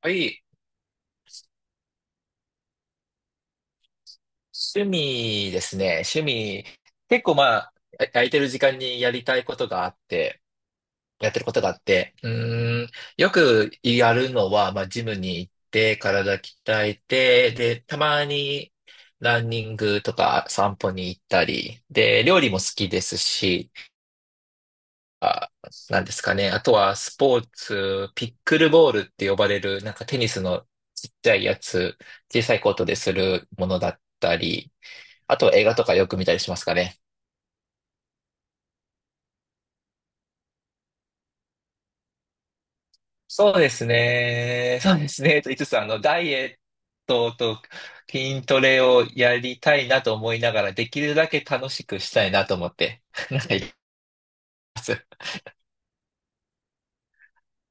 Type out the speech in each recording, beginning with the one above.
はい。趣味ですね。趣味。結構まあ、空いてる時間にやりたいことがあって、やってることがあって、ーん、よくやるのは、まあ、ジムに行って、体鍛えて、で、たまにランニングとか散歩に行ったり、で、料理も好きですし、あ、なんですかね。あとはスポーツ、ピックルボールって呼ばれる、なんかテニスのちっちゃいやつ、小さいコートでするものだったり、あと映画とかよく見たりしますかね。そうですね。そうですね。と言いつつ、ダイエットと筋トレをやりたいなと思いながら、できるだけ楽しくしたいなと思って。なんか、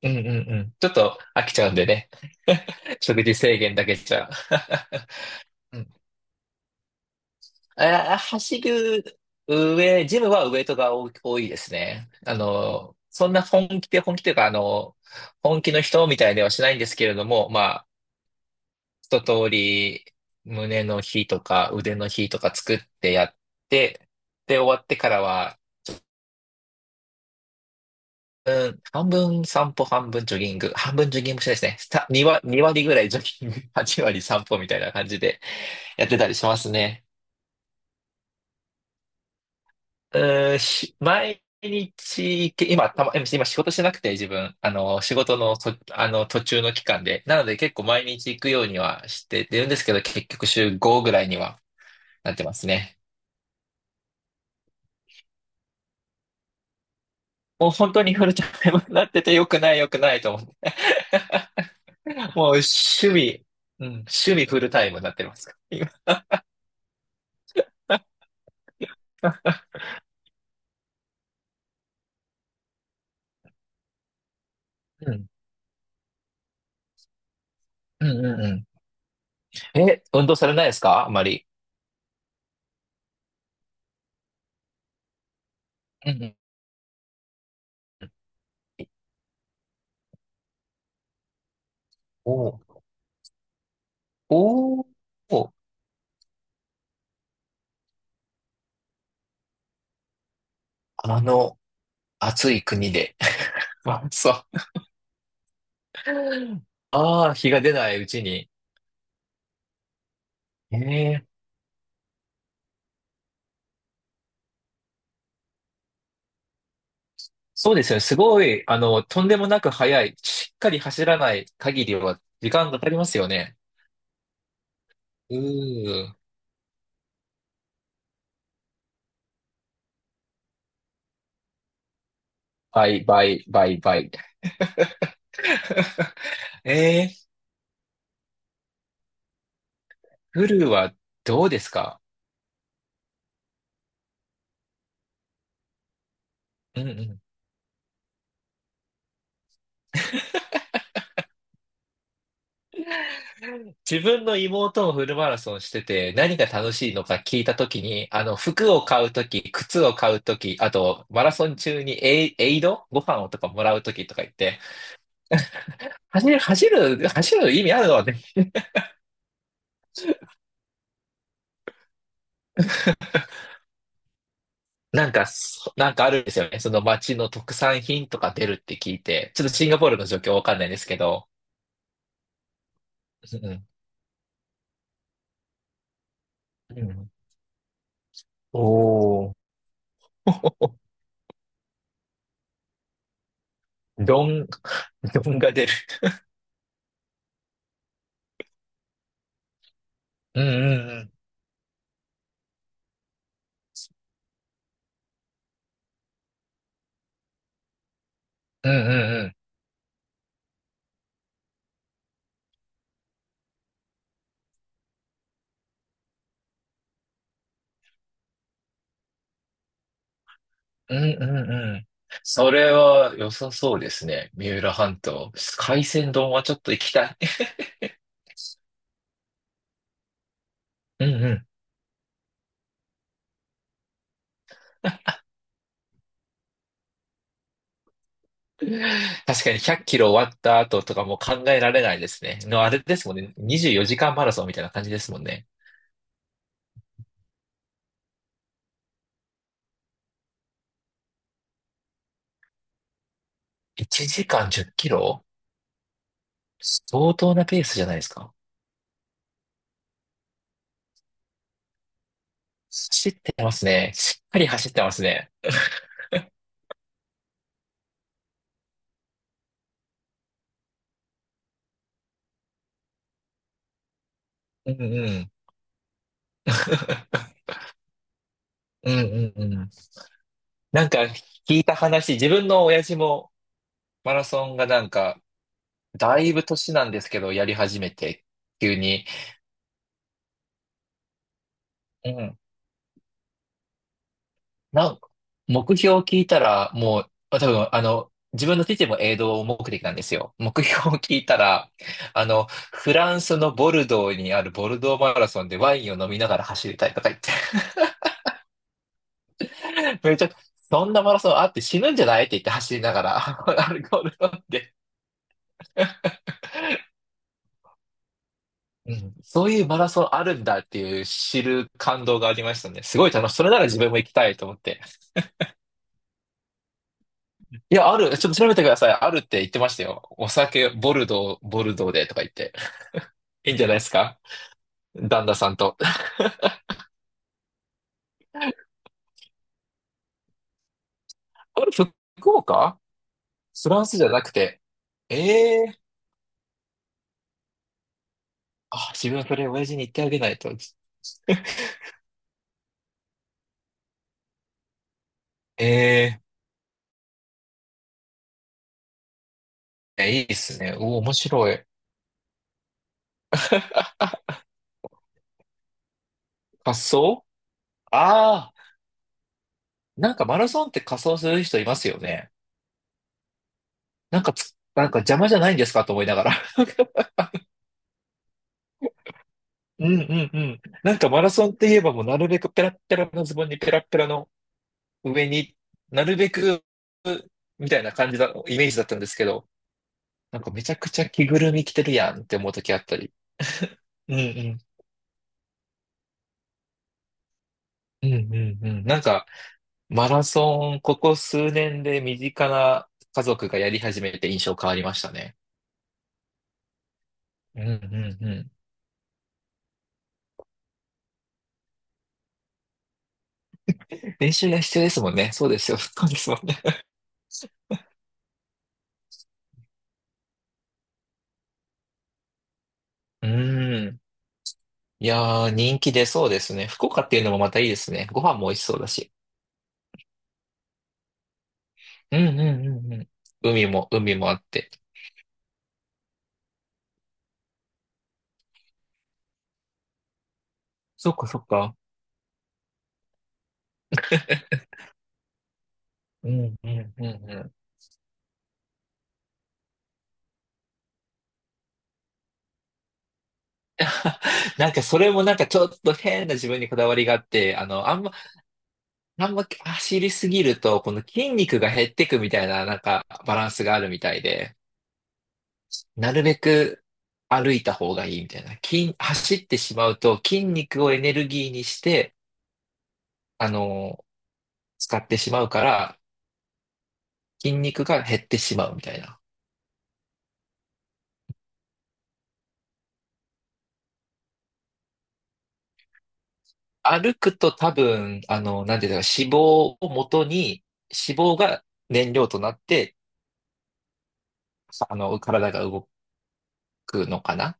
うんうんうん。ちょっと飽きちゃうんでね。食事制限だけじゃ。うん。え走るジムはウエイトが多いですね。そんな本気で、本気というか、本気の人みたいではしないんですけれども、一通り胸の日とか腕の日とか作ってやって、で、終わってからは、うん、半分散歩、半分ジョギング、半分ジョギングもしないですね。2割、2割ぐらいジョギング、8割散歩みたいな感じでやってたりしますね。うん、毎日、今、今仕事してなくて自分、仕事あの、途中の期間で。なので結構毎日行くようにはしてるんですけど、結局週5ぐらいにはなってますね。もう本当にフルタイムになってて、良くない良くないと思って。もう守備、うん、守備フルタイムになってますから今。うん。うんうんうん。え、運動されないですか、あまり。うんうんおうおう、おう、あの暑い国で。まあ、そう。ああ、日が出ないうちに。ええ、そうですよね。すごい、あの、とんでもなく速い。しっかり走らない限りは時間がかかりますよね。うー、倍、倍、倍、倍。ええ、フルはどうですか。うんうん。自分の妹もフルマラソンしてて、何が楽しいのか聞いたときに、あの、服を買うとき、靴を買うとき、あと、マラソン中にエイドご飯をとかもらうときとか言って、走る、走る、走る意味あるのね。なんか、なんかあるんですよね。その街の特産品とか出るって聞いて、ちょっとシンガポールの状況わかんないですけど、うん、うん。おお。どん、どんが出る。うんうんうん。うんうんうんうんうん。それは良さそうですね。三浦半島。海鮮丼はちょっと行きたい。うんうん。確かに100キロ終わった後とかもう考えられないですね。のあれですもんね。24時間マラソンみたいな感じですもんね。1時間10キロ、相当なペースじゃないですか。走ってますね。しっかり走ってますね。うんうん。うんうんうん。なんか聞いた話、自分の親父もマラソンがなんか、だいぶ年なんですけど、やり始めて、急に。うん。なん目標を聞いたら、もう、多分、あの、自分の父も営農目的なんですよ。目標を聞いたら、あの、フランスのボルドーにあるボルドーマラソンでワインを飲みながら走りたいとか言って、めっちゃ、そんなマラソンあって死ぬんじゃないって言って、走りながら、アルコール飲んで。うん、そういうマラソンあるんだっていう知る感動がありましたね。すごい楽しい。それなら自分も行きたいと思って。いや、ある。ちょっと調べてください。あるって言ってましたよ。お酒、ボルドー、ボルドーでとか言って。いいんじゃないですか、旦那さんと。れ、福岡、フランスじゃなくて。ええー、あ、自分はそれ親父に言ってあげないと。ええー、いやいいですね。お、面白い。仮装、ああー、なんかマラソンって仮装する人いますよね。なんかつ、なんか邪魔じゃないんですかと思いながら。うんうんうん。なんかマラソンって言えば、もうなるべくペラッペラのズボンにペラッペラの上になるべくみたいな感じだ、イメージだったんですけど、なんかめちゃくちゃ着ぐるみ着てるやんって思う時あったり。うんうん。うんうんうん。なんか、マラソン、ここ数年で身近な家族がやり始めて印象変わりましたね。うんうんうん。練習が必要ですもんね。そうですよ。そうですもんね。うん。いやー、人気出そうですね。福岡っていうのもまたいいですね。ご飯も美味しそうだし。うんうんうんうん。海も、海もあって。そっかそっか。うんうんうんうん。なんかそれもなんかちょっと変な自分にこだわりがあって、あの、あんま、あんま走りすぎると、この筋肉が減ってくみたいな、なんかバランスがあるみたいで、なるべく歩いた方がいいみたいな。走ってしまうと筋肉をエネルギーにして、あの、使ってしまうから、筋肉が減ってしまうみたいな。歩くと多分、あの、なんていうか、脂肪を元に、脂肪が燃料となって、あの、体が動くのかな。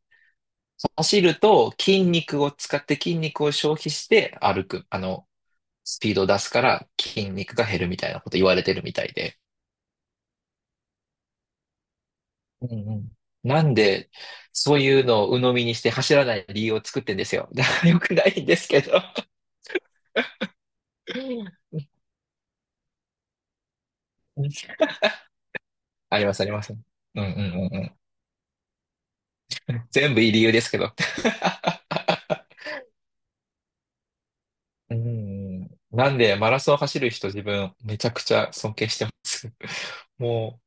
走ると筋肉を使って筋肉を消費して、歩く、あの、スピードを出すから筋肉が減るみたいなこと言われてるみたいで。うんうん。なんで、そういうのを鵜呑みにして走らない理由を作ってんですよ。だから良くないんですけど。あります、あります。うんうんうんうん。全部いい理由ですけど。うん、なんで、マラソン走る人、自分めちゃくちゃ尊敬してます。もう、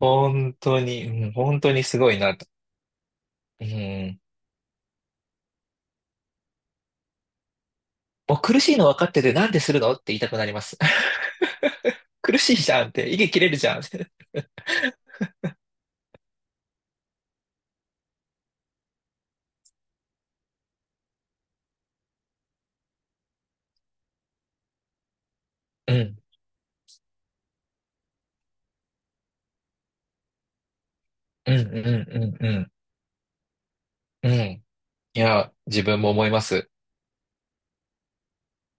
本当に、うん、本当にすごいな。うん。もう苦しいの分かっててなんでするのって言いたくなります。苦しいじゃんって、息切れるじゃんって。うん、うん、うん、うん、うん。うん。いや、自分も思います。